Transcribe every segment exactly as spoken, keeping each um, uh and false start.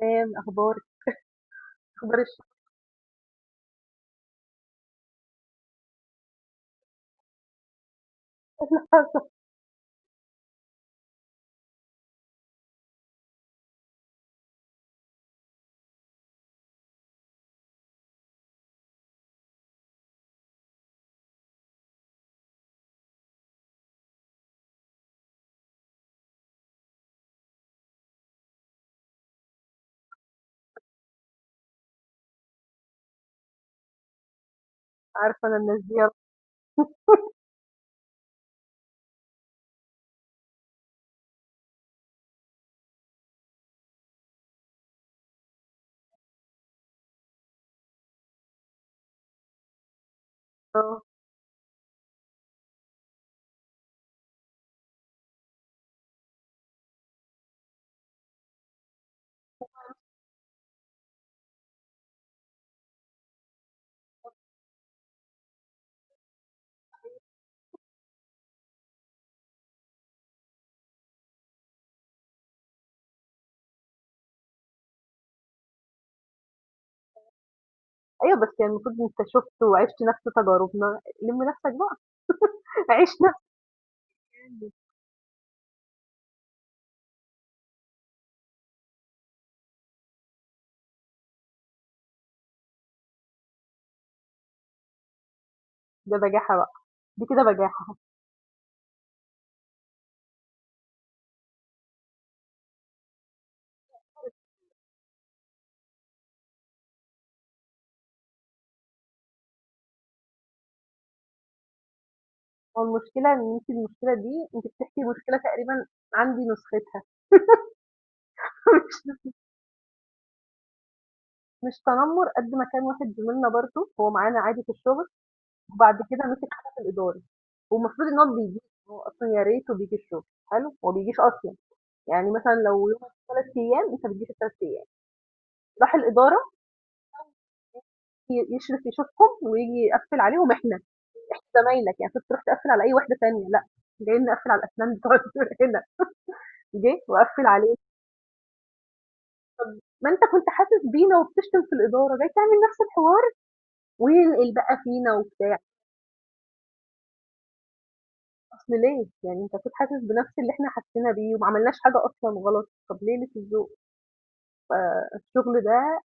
تمام، أخبارِك؟ أخبار الشغل. عارفة أنا الناس دي. آه. أيوه، بس يعني المفروض أنت شُفت وعِشت نفس تجاربنا، لِم نفسك بقى. عيش نفسك. ده بجاحة بقى، دي كده بجاحة. هو المشكلة إن أنتِ، المشكلة دي أنتِ بتحكي، مشكلة تقريبًا عندي نسختها. مش مش تنمُّر، قد ما كان واحد زميلنا برضه، هو معانا عادي في الشغل، وبعد كده مسك حاجة في الإدارة. والمفروض إن هو بيجي. هو أصلًا يا ريته بييجي الشغل. حلو، هو ما بيجيش أصلًا. يعني مثلًا لو يومك ثلاثة أيام، أنت بتجيش التلات ايام. راح الإدارة ي يشرف يشوفهم وييجي يقفّل عليهم إحنا. إحنا زمايلك، يعني كنت تروح تقفّل على أي واحدة تانية؟ لأ، جاي نقفّل على الأسنان بتوع دول هنا. جِه وقفّل علينا. ما أنت كنت حاسس بينا وبتشتم في الإدارة، جاي تعمل نفس الحوار وينقل بقى فينا وبتاع. أصل ليه؟ يعني أنت أكيد حاسس بنفس اللي إحنا حسينا بيه، وما عملناش حاجة أصلًا غلط. طب ليه؟ للذوق؟ فالشغل ده،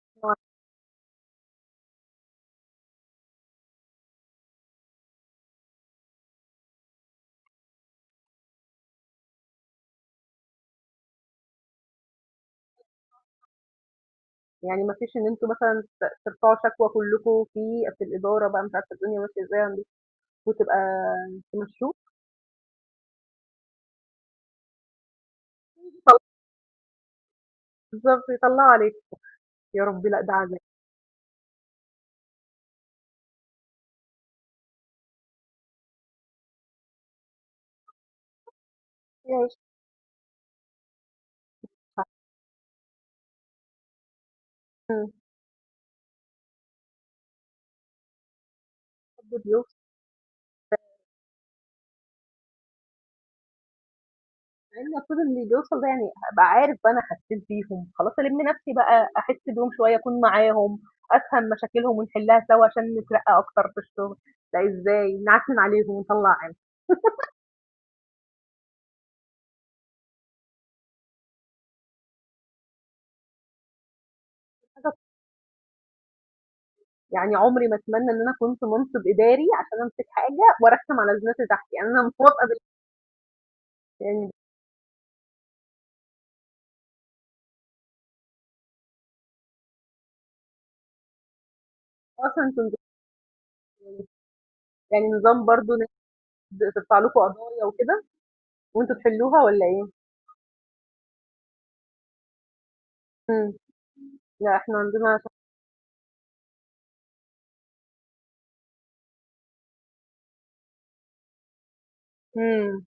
يعني ما فيش إن أنتم مثلًا ت ترفعوا شكوى كلّكم في في الإدارة بقى؟ مش عارفة الدنيا ماشية إزاي عندكم وتبقى تمشّوه. بالضبط يطلّعوا عليكم. يا ربي لأ، ده عذاب. ماشي. إمم. حد بيوصل. مع إن المفروض اللي بيوصل ده يعني أبقى عارف بقى، أنا حسيت بيهم، خلاص ألِم نفسي بقى، أحس بيهم شوية، أكون معاهم، أفهم مشاكلهم ونحلها سوا عشان نترقى أكتر في الشغل. لأ، إزاي نعكنن عليهم ونطلّع عين؟ حاجة، يعني عمري ما أتمنى إن أنا كنت منصب إداري عشان أمسك حاجة وأرخم على الناس اللي تحتي. يعني أنا موافقة بال يعني أصلًا كنتم، يعني نظام برضه إن أنتم ترفع لكم قضايا وكده وأنتم تحلوها، والّا إيه؟ إمم. لأ إحنا عندنا ش إمم.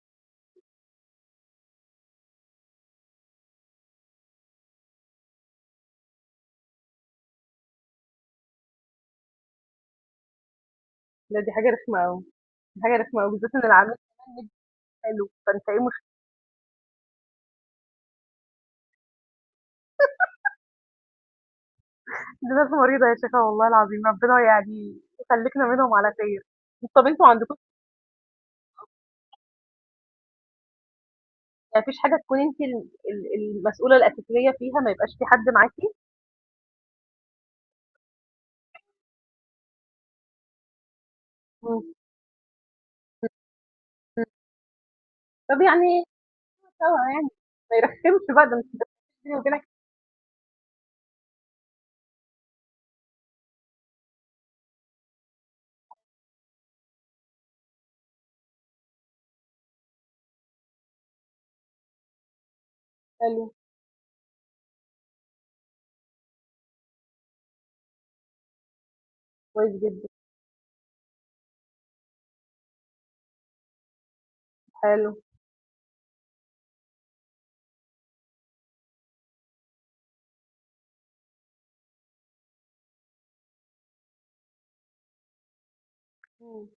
لأ، دي حاجة رخمة أوي، دي حاجة رخمة أوي، بالذات إن العميل كمان مدّي. حلو، فأنت إيه مشكلة دي؟ ناس مريضة يا شيخة، والله العظيم ربنا يعني يخلّيكنا منهم على خير. طَب أنتم عندكم ما فيش حاجة تكون أنتِ ال ال المسؤولة الأساسية فيها، ما يبقاش في حد معاكِ؟ إمم. إمم. طَب يعني سوا يعني، ما يرخّمش بقى ده؟ أنتِ بيني وبينك. حلو. كويس جدًا. حلو. إمم.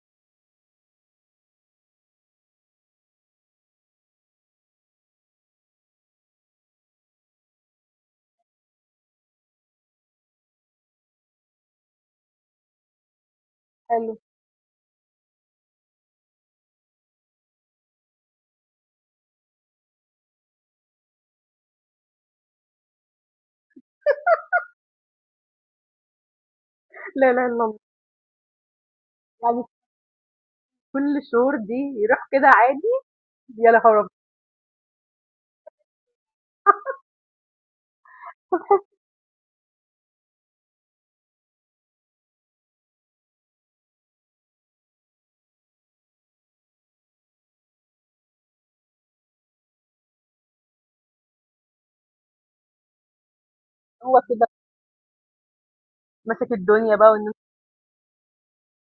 حلو. لا إله إلا الله. يعني كل الشهور دي يروح كده عادي؟ يا لهوي! هو كده ماسك الدنيا بقى والن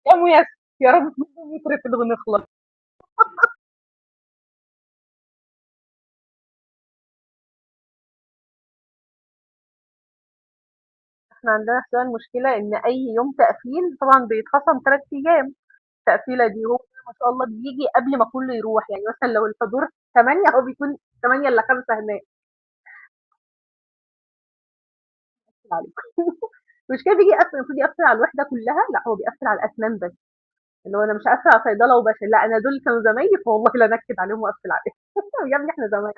يا ميسر. يا رب تكون يترفد ونخلص. احنا عندنا حسين، المشكلة ان اي يوم تقفيل طبعا بيتخصم ثلاث ايام. التقفيلة دي هو ما شاء الله بيجي قبل ما كله يروح، يعني مثلا لو الحضور ثمانية، هو بيكون ثمانية الا خمسة هناك. عليك! المشكله بيجي يقفل، المفروض يقفل على الوحده كلها، لا هو بيقفل على الاسنان بس، اللي هو انا مش هقفل على صيدله وبشر. لا، انا دول كانوا زمايلي، فوالله لا انكد عليهم واقفل عليهم. يا ابني احنا زمايل.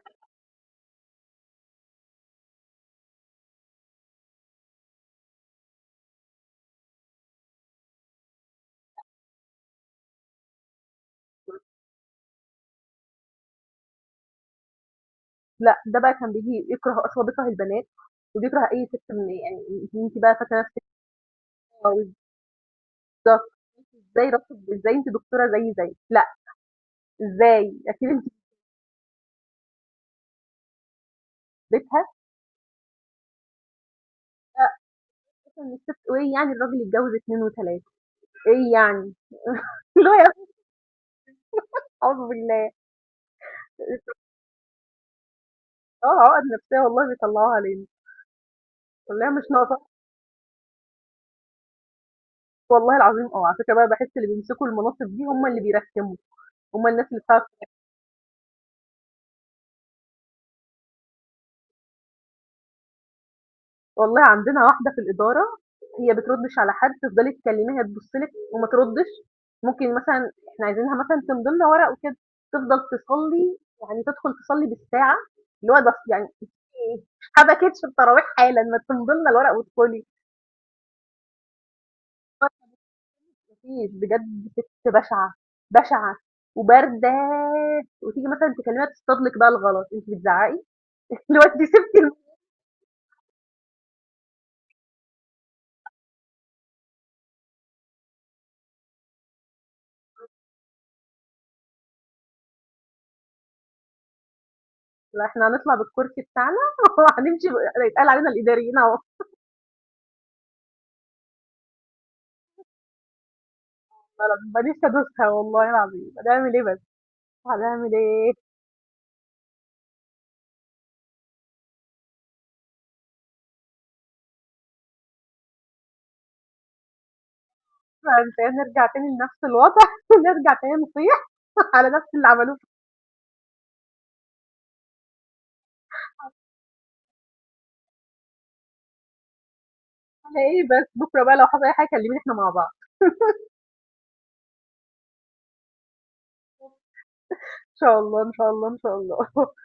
لا ده بقى كان بيجي يكره، اصلا بيكره البنات وبيكره اي ست. من يعني انت بقى فاكره نفسك؟ أو ده، ازاي رفض؟ ازاي انت دكتوره زي زي لا؟ ازاي؟ اكيد انت في بيتها. لا، اصلا الست، ايه يعني الراجل يتجوز اتنين وتلاته؟ ايه يعني؟ اللي هو يا أخي اعوذ بالله. اه، عقد نفسيه والله بيطلعوها علينا، والله مش ناقصه. والله العظيم، اه، على فكره بقى بحس اللي بيمسكوا المناصب دي هم اللي بيرخموا، هم الناس اللي بتعرف. والله عندنا واحدة في الإدارة، هي بتردش على حد. تفضلي تكلميها تبصلك وما تردش. ممكن مثلا احنا عايزينها مثلا تمضي لنا ورق وكده، تفضل تصلي، يعني تدخل تصلي بالساعة. اللي هو ده يعني، في إيه؟ حبكتش التراويح؟ حالا ما تمضي لنا الورق وادخلي. مفيش، بجد ست بشعة، بشعة وباردة. وتيجي مثلا تكلميها تصطدلك بقى الغلط انت بتزعقي. اللي هو انت سبتي الم- لا، احنا هنطلع بالكرسي بتاعنا، وهنمشي بقى. هيتقال علينا الإداريين اهو. فأنا ما نفسي أدوسها والله العظيم. هنعمل إيه بس؟ هنعمل إيه؟ بعد كده نرجع تاني لنفس الوضع، نرجع تاني نصيح على نفس اللي عملوه. فينا إيه بس؟ بكرة بقى لو حصل أي حاجة كلميني، إحنا مع بعض. إن شاء الله، إن شاء الله، إن شاء الله.